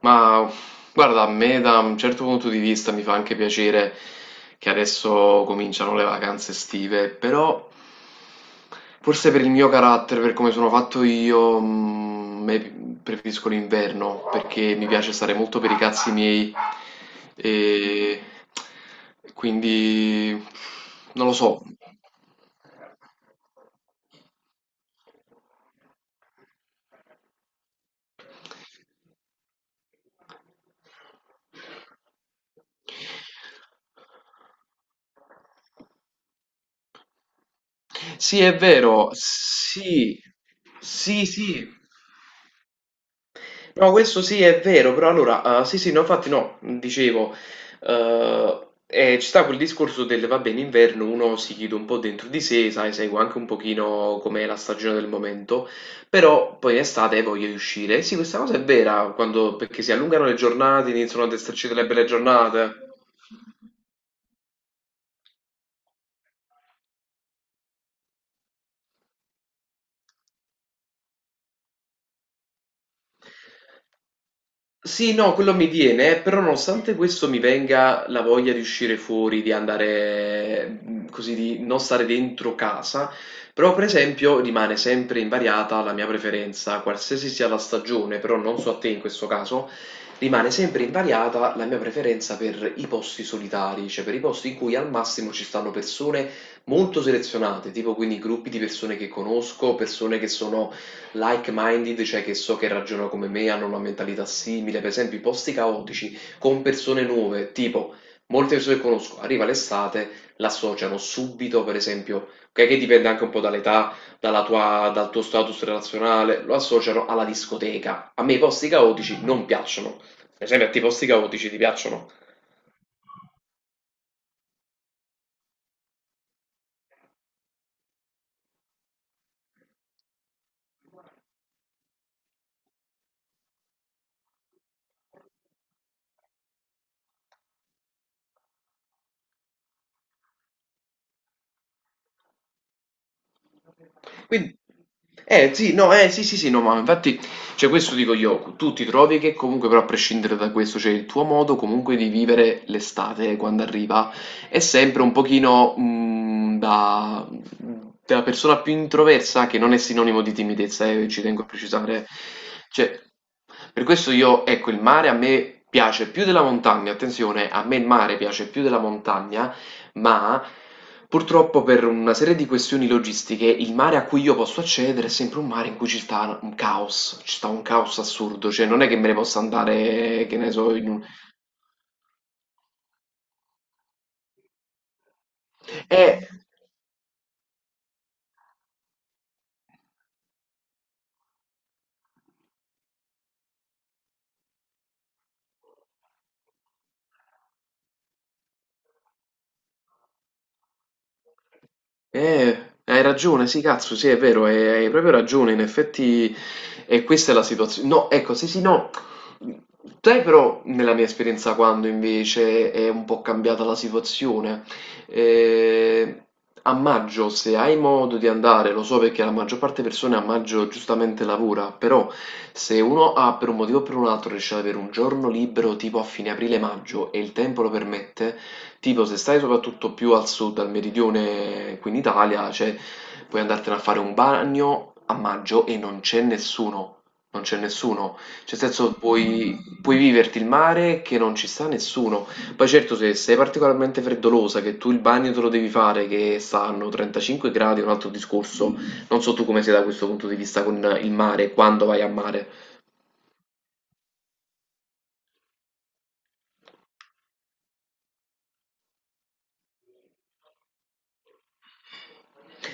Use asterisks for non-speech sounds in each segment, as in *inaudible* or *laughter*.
Ma guarda, a me da un certo punto di vista mi fa anche piacere che adesso cominciano le vacanze estive, però forse per il mio carattere, per come sono fatto io, preferisco l'inverno perché mi piace stare molto per i cazzi miei e quindi non lo so. Sì, è vero, sì, sì, sì. No, questo sì è vero, però allora, sì sì, no, infatti no, dicevo, ci sta quel discorso del, vabbè, in inverno uno si chiude un po' dentro di sé, sai, segue anche un pochino com'è la stagione del momento, però poi in estate voglio di uscire. Sì, questa cosa è vera, quando, perché si allungano le giornate, iniziano ad esserci delle belle giornate. Sì, no, quello mi viene, però nonostante questo mi venga la voglia di uscire fuori, di andare, così, di non stare dentro casa, però per esempio rimane sempre invariata la mia preferenza, qualsiasi sia la stagione, però non so a te in questo caso, rimane sempre invariata la mia preferenza per i posti solitari, cioè per i posti in cui al massimo ci stanno persone molto selezionate, tipo quindi gruppi di persone che conosco, persone che sono like-minded, cioè che so che ragionano come me, hanno una mentalità simile, per esempio i posti caotici con persone nuove, tipo molte persone che conosco, arriva l'estate, l'associano subito, per esempio, ok, che dipende anche un po' dall'età, dal tuo status relazionale, lo associano alla discoteca. A me i posti caotici non piacciono. Per esempio, a te i posti caotici ti piacciono? Quindi, eh sì, no, eh sì, sì, sì, no, ma infatti, cioè questo dico io, tu ti trovi che comunque però a prescindere da questo, cioè il tuo modo comunque di vivere l'estate quando arriva è sempre un pochino da persona più introversa che non è sinonimo di timidezza, ci tengo a precisare. Cioè, per questo io, ecco, il mare a me piace più della montagna, attenzione, a me il mare piace più della montagna ma, purtroppo per una serie di questioni logistiche, il mare a cui io posso accedere è sempre un mare in cui ci sta un caos, ci sta un caos assurdo, cioè non è che me ne possa andare, che ne so, in un... Eh... Eh, hai ragione, sì, cazzo, sì, è vero, hai proprio ragione, in effetti, e questa è la situazione. No, ecco, sì, sì, no. Sai però, nella mia esperienza, quando invece è un po' cambiata la situazione, Eh, a maggio, se hai modo di andare, lo so perché la maggior parte delle persone a maggio giustamente lavora, però se uno ha per un motivo o per un altro riesce ad avere un giorno libero tipo a fine aprile-maggio e il tempo lo permette, tipo, se stai soprattutto più al sud, al meridione qui in Italia, cioè, puoi andartene a fare un bagno a maggio e non c'è nessuno. Non c'è nessuno. Cioè, nel senso, puoi, puoi viverti il mare che non ci sta nessuno. Poi certo, se sei particolarmente freddolosa, che tu il bagno te lo devi fare, che stanno 35 gradi, è un altro discorso. Non so tu come sei da questo punto di vista con il mare, quando vai a mare.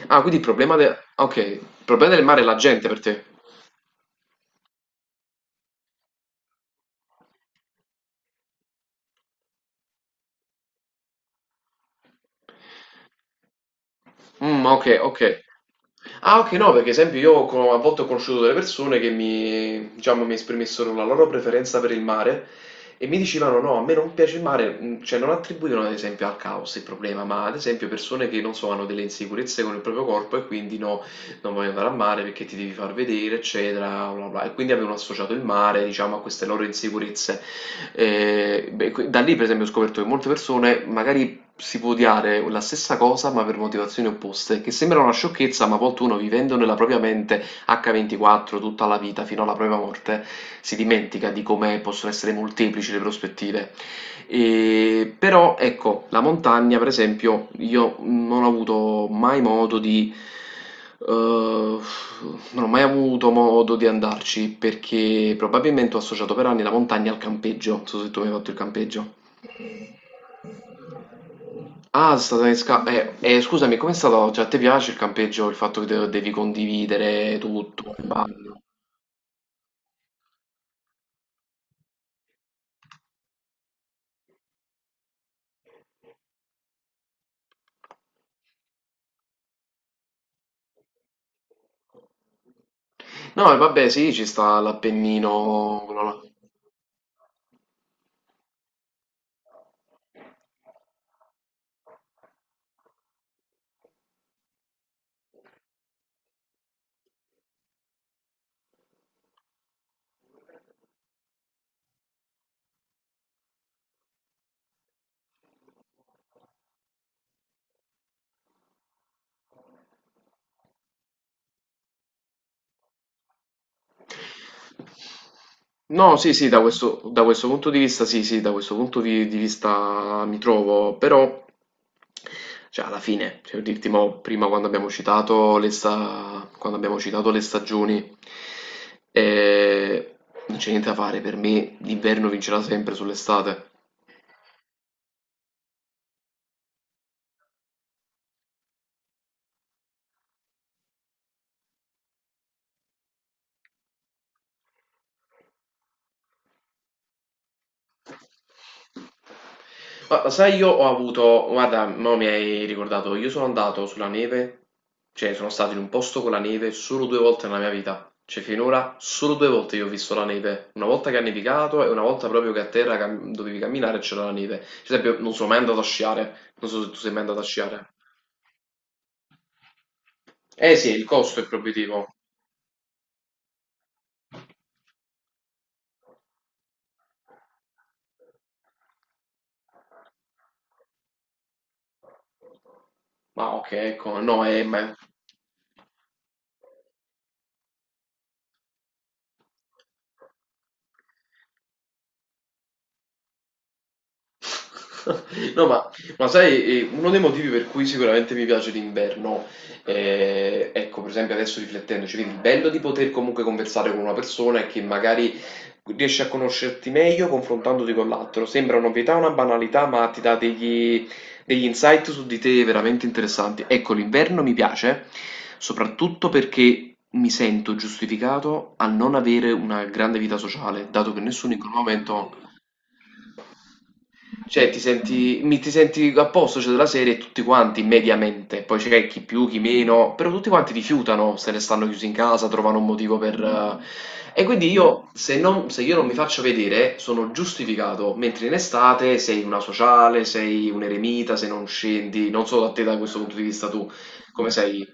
Ah, quindi il problema del... Ok, il problema del mare è la gente per te. Okay, okay. Ah, okay, no, perché esempio io co a volte ho conosciuto delle persone che mi diciamo, mi esprimessero la loro preferenza per il mare e mi dicevano: "No, a me non piace il mare", cioè non attribuivano ad esempio al caos il problema, ma ad esempio persone che, non so, hanno delle insicurezze con il proprio corpo e quindi: "No, non voglio andare al mare perché ti devi far vedere", eccetera, bla, bla. E quindi avevano associato il mare, diciamo, a queste loro insicurezze. Beh, qui da lì per esempio ho scoperto che molte persone magari si può odiare la stessa cosa ma per motivazioni opposte, che sembra una sciocchezza, ma a volte uno vivendo nella propria mente H24 tutta la vita fino alla propria morte si dimentica di come possono essere molteplici le prospettive. E, però ecco, la montagna, per esempio, io non ho avuto mai modo di Uh, non ho mai avuto modo di andarci perché probabilmente ho associato per anni la montagna al campeggio. Non so se tu mi hai fatto il campeggio. Ah, è stata scusami, com'è stato? Cioè, a te piace il campeggio, il fatto che devi condividere tutto, il bagno? No, e vabbè, sì, ci sta l'Appennino, quello là. No, sì, sì, da questo punto di vista, sì, sì, da questo punto di vista mi trovo, però, cioè, alla fine, cioè, dirti mo, prima quando abbiamo citato le stagioni, eh, non c'è niente da fare, per me l'inverno vincerà sempre sull'estate. Ma lo sai, io ho avuto, guarda, mo mi hai ricordato, io sono andato sulla neve, cioè sono stato in un posto con la neve solo due volte nella mia vita, cioè finora solo due volte io ho visto la neve, una volta che ha nevicato e una volta proprio che a terra dovevi camminare e c'era la neve, ad esempio non sono mai andato a sciare, non so se tu sei mai andato a sciare. Eh sì, il costo è proibitivo, ma ok, ecco, no, ma... *laughs* No, ma, sai, uno dei motivi per cui sicuramente mi piace l'inverno, ecco, per esempio adesso riflettendoci, quindi il bello di poter comunque conversare con una persona e che magari riesci a conoscerti meglio confrontandoti con l'altro. Sembra un'ovvietà, una banalità, ma ti dà degli insight su di te veramente interessanti. Ecco, l'inverno mi piace soprattutto perché mi sento giustificato a non avere una grande vita sociale, dato che nessuno in quel momento cioè, ti senti, ti senti a posto, cioè, della serie, tutti quanti, mediamente. Poi c'è chi più, chi meno, però tutti quanti rifiutano, se ne stanno chiusi in casa, trovano un motivo per... E quindi io, se io non mi faccio vedere, sono giustificato, mentre in estate sei una sociale, sei un eremita, se non scendi, non so da te da questo punto di vista tu, come sei.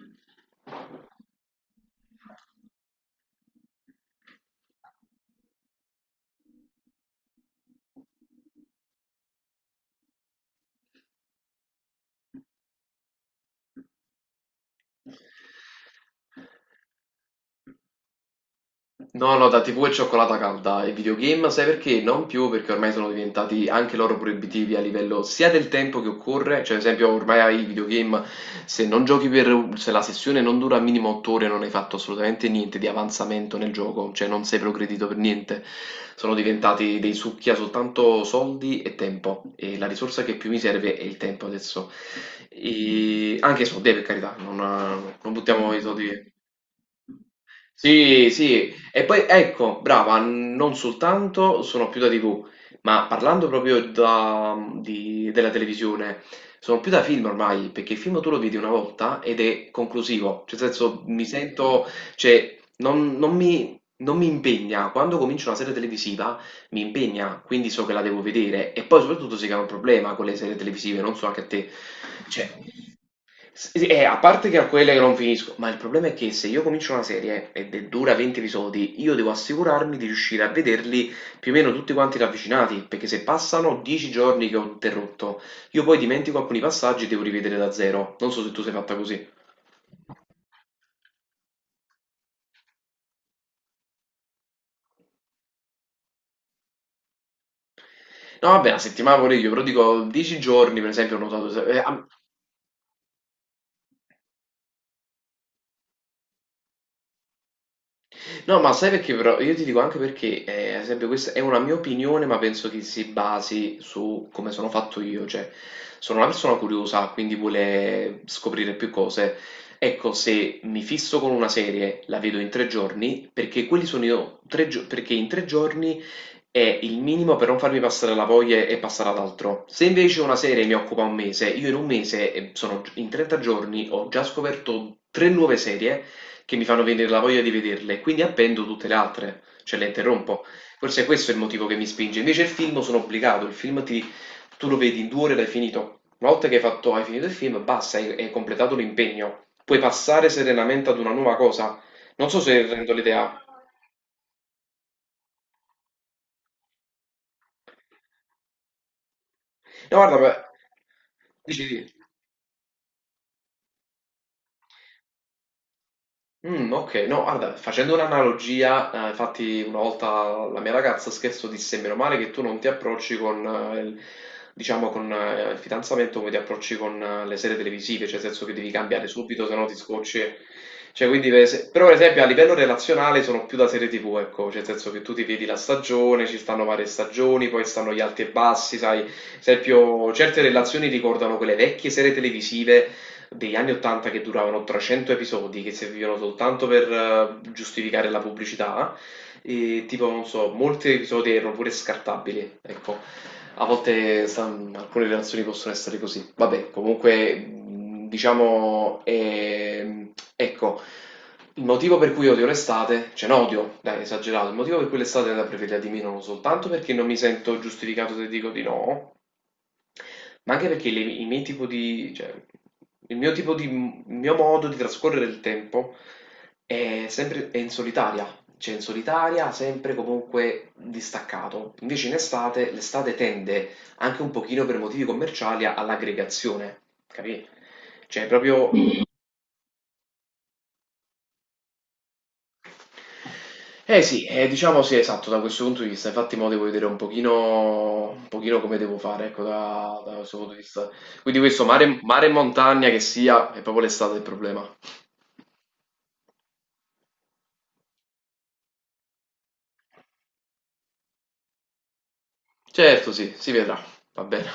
No, no, da TV e cioccolata calda e videogame, sai perché? Non più perché ormai sono diventati anche loro proibitivi a livello sia del tempo che occorre, cioè ad esempio ormai ai videogame se la sessione non dura minimo 8 ore non hai fatto assolutamente niente di avanzamento nel gioco, cioè non sei progredito per niente, sono diventati dei succhi a soltanto soldi e tempo e la risorsa che più mi serve è il tempo adesso, e anche i soldi per carità, non buttiamo i soldi via. Sì, sì, e poi ecco, brava, non soltanto sono più da TV, ma parlando proprio della televisione, sono più da film ormai, perché il film tu lo vedi una volta ed è conclusivo, cioè nel senso mi sento, cioè non mi impegna, quando comincio una serie televisiva mi impegna, quindi so che la devo vedere e poi soprattutto si crea un problema con le serie televisive, non so anche a te, cioè S sì, a parte che a quelle che non finisco, ma il problema è che se io comincio una serie ed è dura 20 episodi, io devo assicurarmi di riuscire a vederli più o meno tutti quanti ravvicinati, perché se passano 10 giorni che ho interrotto, io poi dimentico alcuni passaggi e devo rivedere da zero. Non so se tu sei fatta così. No, vabbè, la settimana pure io, però dico 10 giorni, per esempio, ho notato. No, ma sai perché però? Io ti dico anche perché, ad esempio, questa è una mia opinione, ma penso che si basi su come sono fatto io, cioè sono una persona curiosa, quindi vuole scoprire più cose. Ecco, se mi fisso con una serie, la vedo in 3 giorni, perché quelli sono io, perché in 3 giorni è il minimo per non farmi passare la voglia e passare ad altro. Se invece una serie mi occupa un mese, io in un mese, sono in 30 giorni, ho già scoperto tre nuove serie che mi fanno venire la voglia di vederle e quindi appendo tutte le altre, cioè le interrompo. Forse questo è il motivo che mi spinge. Invece il film sono obbligato, il film ti, tu lo vedi in 2 ore e l'hai finito. Una volta che hai fatto, hai finito il film, basta, hai, hai completato l'impegno. Puoi passare serenamente ad una nuova cosa. Non so se rendo l'idea. No, guarda, beh, dici, di. Okay. No, guarda, facendo un'analogia, infatti una volta la mia ragazza, scherzo, disse: "Meno male che tu non ti approcci con il diciamo con il fidanzamento come ti approcci con le serie televisive, cioè nel senso che devi cambiare subito, se no ti scocci". Cioè quindi però per esempio a livello relazionale sono più da serie TV, ecco, cioè nel senso che tu ti vedi la stagione, ci stanno varie stagioni, poi stanno gli alti e bassi, sai, esempio certe relazioni ricordano quelle vecchie serie televisive degli anni 80 che duravano 300 episodi, che servivano soltanto per giustificare la pubblicità, e tipo, non so, molti episodi erano pure scartabili, ecco. A volte sa- alcune relazioni possono essere così. Vabbè, comunque, diciamo, ecco, il motivo per cui odio l'estate, cioè no, odio, dai, esagerato, il motivo per cui l'estate è da preferire di meno non soltanto perché non mi sento giustificato se dico di no, ma anche perché le i miei tipo di cioè, il mio tipo di il mio modo di trascorrere il tempo è sempre è in solitaria, cioè in solitaria, sempre comunque distaccato. Invece in estate, l'estate tende anche un pochino per motivi commerciali all'aggregazione, capì? Cioè proprio Eh sì, diciamo sì, esatto, da questo punto di vista, infatti mo devo vedere un pochino come devo fare, ecco, da, da questo punto di vista. Quindi questo mare, mare e montagna che sia, è proprio l'estate il problema. Certo, sì, si vedrà, va bene.